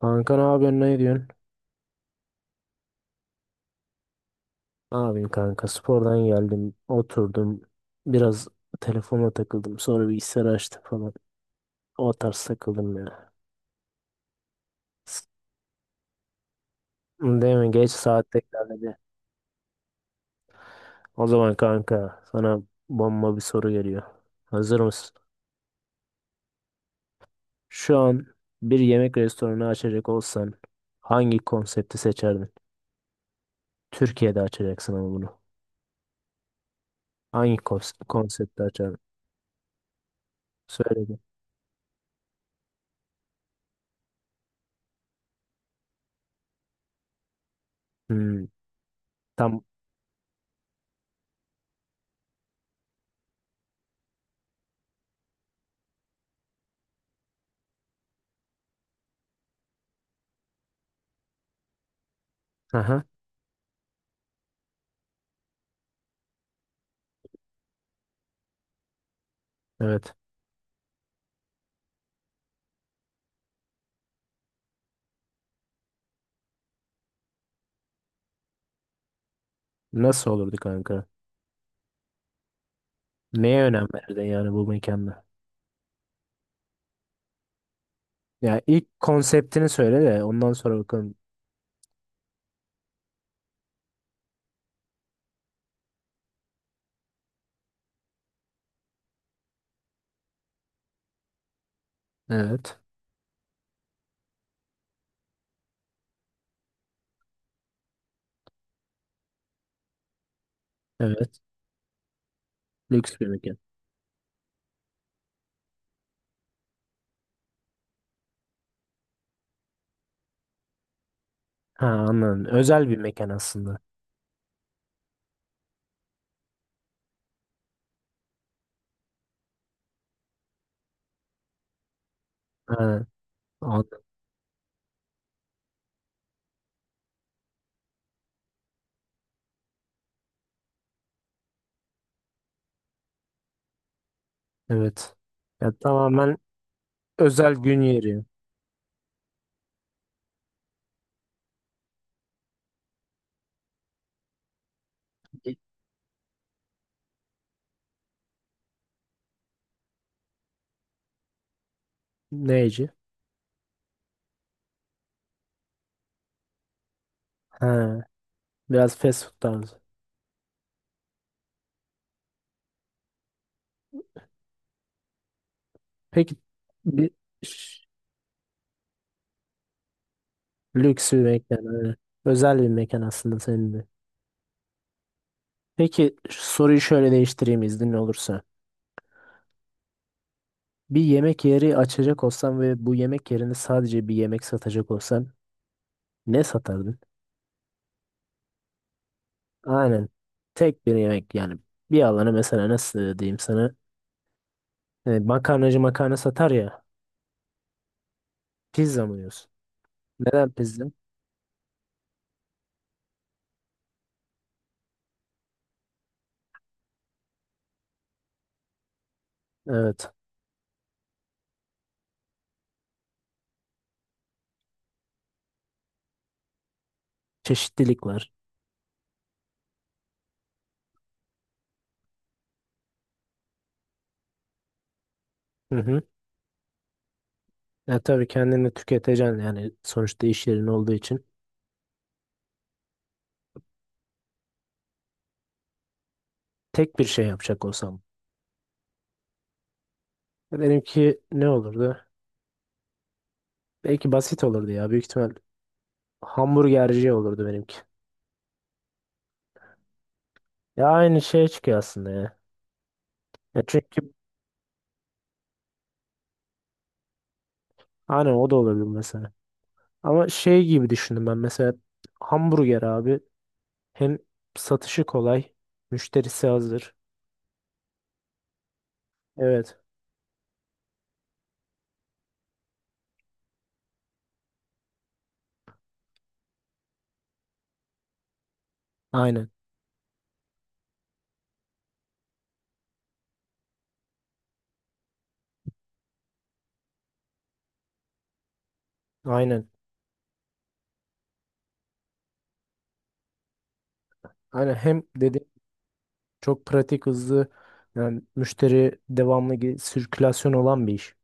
Kanka ne yapıyorsun, ne diyorsun? Ne yapayım kanka, spordan geldim, oturdum biraz, telefona takıldım, sonra bilgisayar açtım falan, o tarz takıldım ya. S- Değil mi, geç saat tekrarladı. O zaman kanka sana bomba bir soru geliyor. Hazır mısın? Şu an bir yemek restoranı açacak olsan hangi konsepti seçerdin? Türkiye'de açacaksın ama bunu. Hangi konsepti açardın? Söyle bir. Hmm, tam. Aha, evet. Nasıl olurdu kanka? Neye önem verirdin yani bu mekanda? Ya ilk konseptini söyle de ondan sonra bakalım. Evet. Evet. Lüks bir mekan. Ha, anladım. Özel bir mekan aslında. Ha, anladım. Evet. Ya tamamen özel gün yeri. Neyci? Ha, biraz fast food tarzı. Peki bir ş- lüks bir mekan öyle. Özel bir mekan aslında senin de. Peki soruyu şöyle değiştireyim, iznin olursa. Bir yemek yeri açacak olsan ve bu yemek yerinde sadece bir yemek satacak olsan ne satardın? Aynen. Tek bir yemek yani. Bir alana mesela, nasıl diyeyim sana? Makarnacı makarna satar ya. Pizza mı diyorsun? Neden pizza? Evet. Çeşitlilik var. Hı hı. Ya tabii kendini tüketeceksin yani, sonuçta iş yerin olduğu için. Tek bir şey yapacak olsam. Benimki ne olurdu? Belki basit olurdu ya. Büyük ihtimal hamburgerci olurdu benimki. Ya aynı şeye çıkıyor aslında ya. Ya çünkü hani o da olabilir mesela. Ama şey gibi düşündüm ben, mesela hamburger abi, hem satışı kolay, müşterisi hazır. Evet. Aynen. Aynen. Aynen hem dedi, çok pratik, hızlı, yani müşteri devamlı sirkülasyon olan bir iş.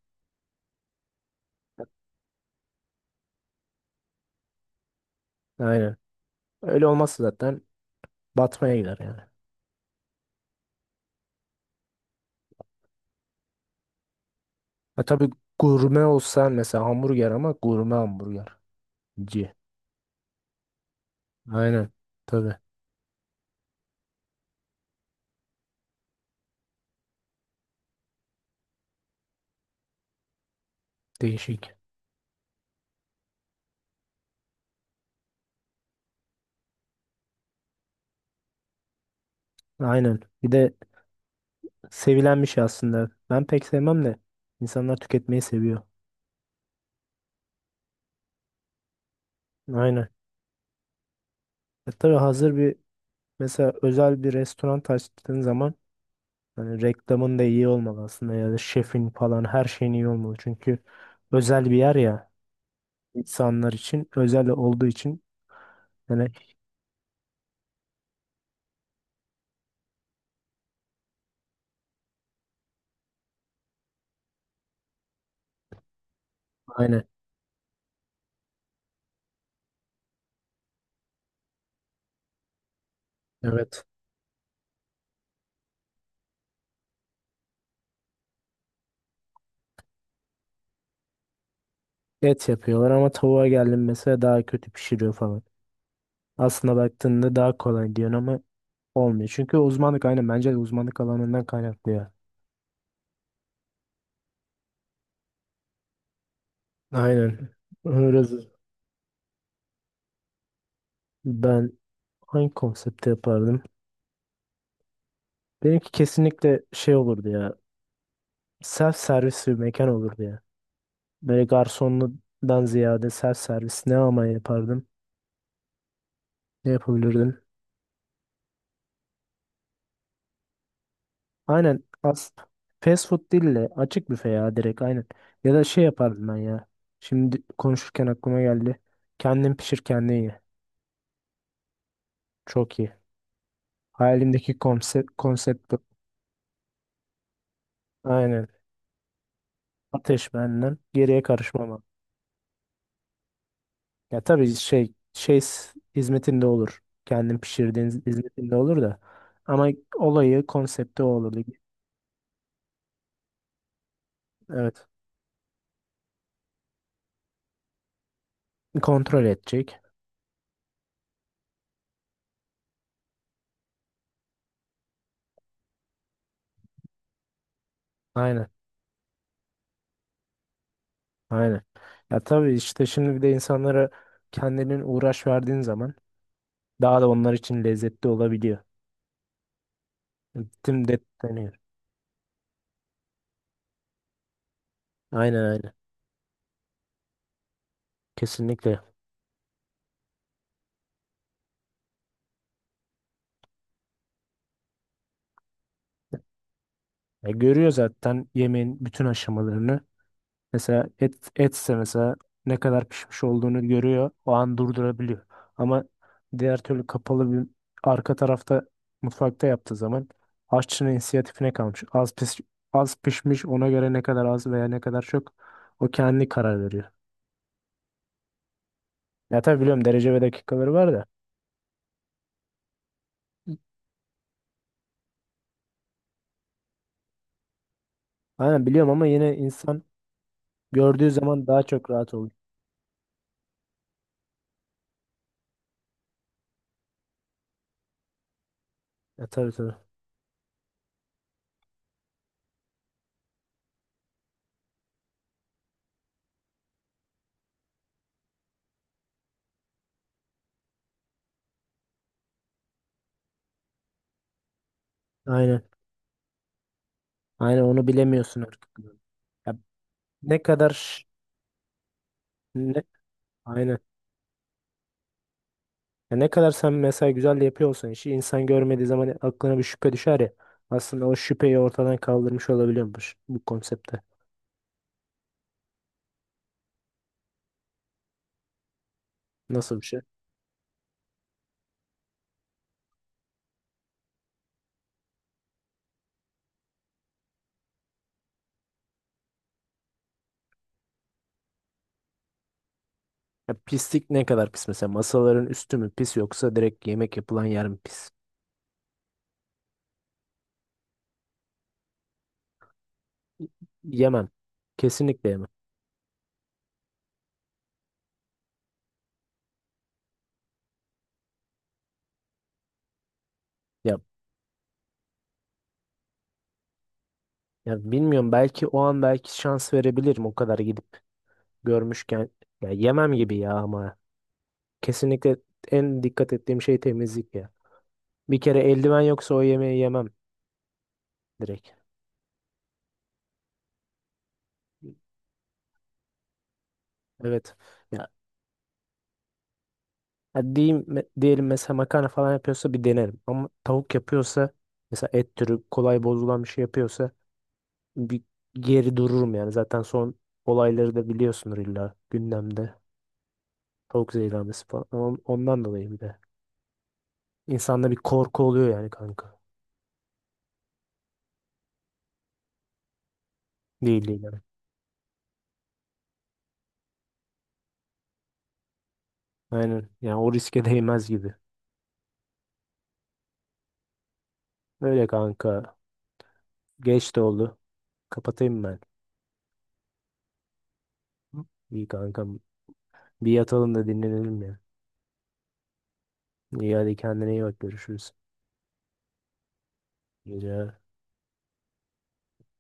Aynen. Öyle olmazsa zaten batmaya gider yani. Ha, tabii gurme olsan mesela, hamburger ama gurme hamburgerci. Aynen. Tabii. Değişik. Aynen. Bir de sevilen bir şey aslında. Ben pek sevmem de insanlar tüketmeyi seviyor. Aynen. E tabii hazır bir, mesela özel bir restoran açtığın zaman hani reklamın da iyi olmalı aslında, ya da şefin falan, her şeyin iyi olmalı. Çünkü özel bir yer ya, insanlar için özel olduğu için. Yani aynen, evet, et yapıyorlar ama tavuğa geldim mesela daha kötü pişiriyor falan. Aslında baktığında daha kolay diyorsun ama olmuyor. Çünkü uzmanlık, aynen, bence de uzmanlık alanından kaynaklı ya. Aynen. Öyle. Ben hangi konsepte yapardım? Benimki kesinlikle şey olurdu ya. Self servis bir mekan olurdu ya. Böyle garsonludan ziyade self servis, ne ama yapardım? Ne yapabilirdim? Aynen, fast food değil de açık büfe ya, direkt, aynen. Ya da şey yapardım ben ya. Şimdi konuşurken aklıma geldi. Kendin pişir kendin ye. Çok iyi. Hayalimdeki konsept bu. Aynen. Ateş benden. Geriye karışmam. Ya tabii şey şey hizmetinde olur. Kendin pişirdiğin hizmetinde olur da. Ama olayı, konsepti o olurdu. Evet. Kontrol edecek. Aynen. Aynen. Ya tabii işte, şimdi bir de insanlara kendinin uğraş verdiğin zaman daha da onlar için lezzetli olabiliyor. Tüm detayını. Aynen aynen. Kesinlikle. Ya görüyor zaten yemeğin bütün aşamalarını. Mesela et etse mesela ne kadar pişmiş olduğunu görüyor. O an durdurabiliyor. Ama diğer türlü kapalı bir arka tarafta, mutfakta yaptığı zaman aşçının inisiyatifine kalmış. Az pişmiş, ona göre ne kadar az veya ne kadar çok, o kendi karar veriyor. Ya tabii biliyorum, derece ve dakikaları var da. Aynen biliyorum ama yine insan gördüğü zaman daha çok rahat oluyor. Ya tabii tabii. Aynen. Aynen onu bilemiyorsun artık. Ya ne kadar ş- ne, aynen. Ya ne kadar sen mesela güzel de yapıyor olsan işi, insan görmediği zaman aklına bir şüphe düşer ya. Aslında o şüpheyi ortadan kaldırmış olabiliyormuş bu konsepte. Nasıl bir şey? Ya pislik ne kadar pis mesela? Masaların üstü mü pis yoksa direkt yemek yapılan yer mi pis? Yemem. Kesinlikle yemem. Ya, ya bilmiyorum, belki o an belki şans verebilirim, o kadar gidip görmüşken. Ya yemem gibi ya ama. Kesinlikle en dikkat ettiğim şey temizlik ya. Bir kere eldiven yoksa o yemeği yemem direkt. Evet, ya. Ha, diyeyim, diyelim mesela makarna falan yapıyorsa bir denerim. Ama tavuk yapıyorsa, mesela et türü kolay bozulan bir şey yapıyorsa bir geri dururum yani. Zaten son olayları da biliyorsunuz, illa gündemde. Tavuk zehirlenmesi falan. Ama ondan dolayı bir de, İnsanda bir korku oluyor yani kanka. Değil değil yani. Aynen. Yani o riske değmez gibi. Öyle kanka. Geç de oldu. Kapatayım ben. İyi kankam. Bir yatalım da dinlenelim ya. İyi, hadi kendine iyi bak. Görüşürüz. İyi geceler.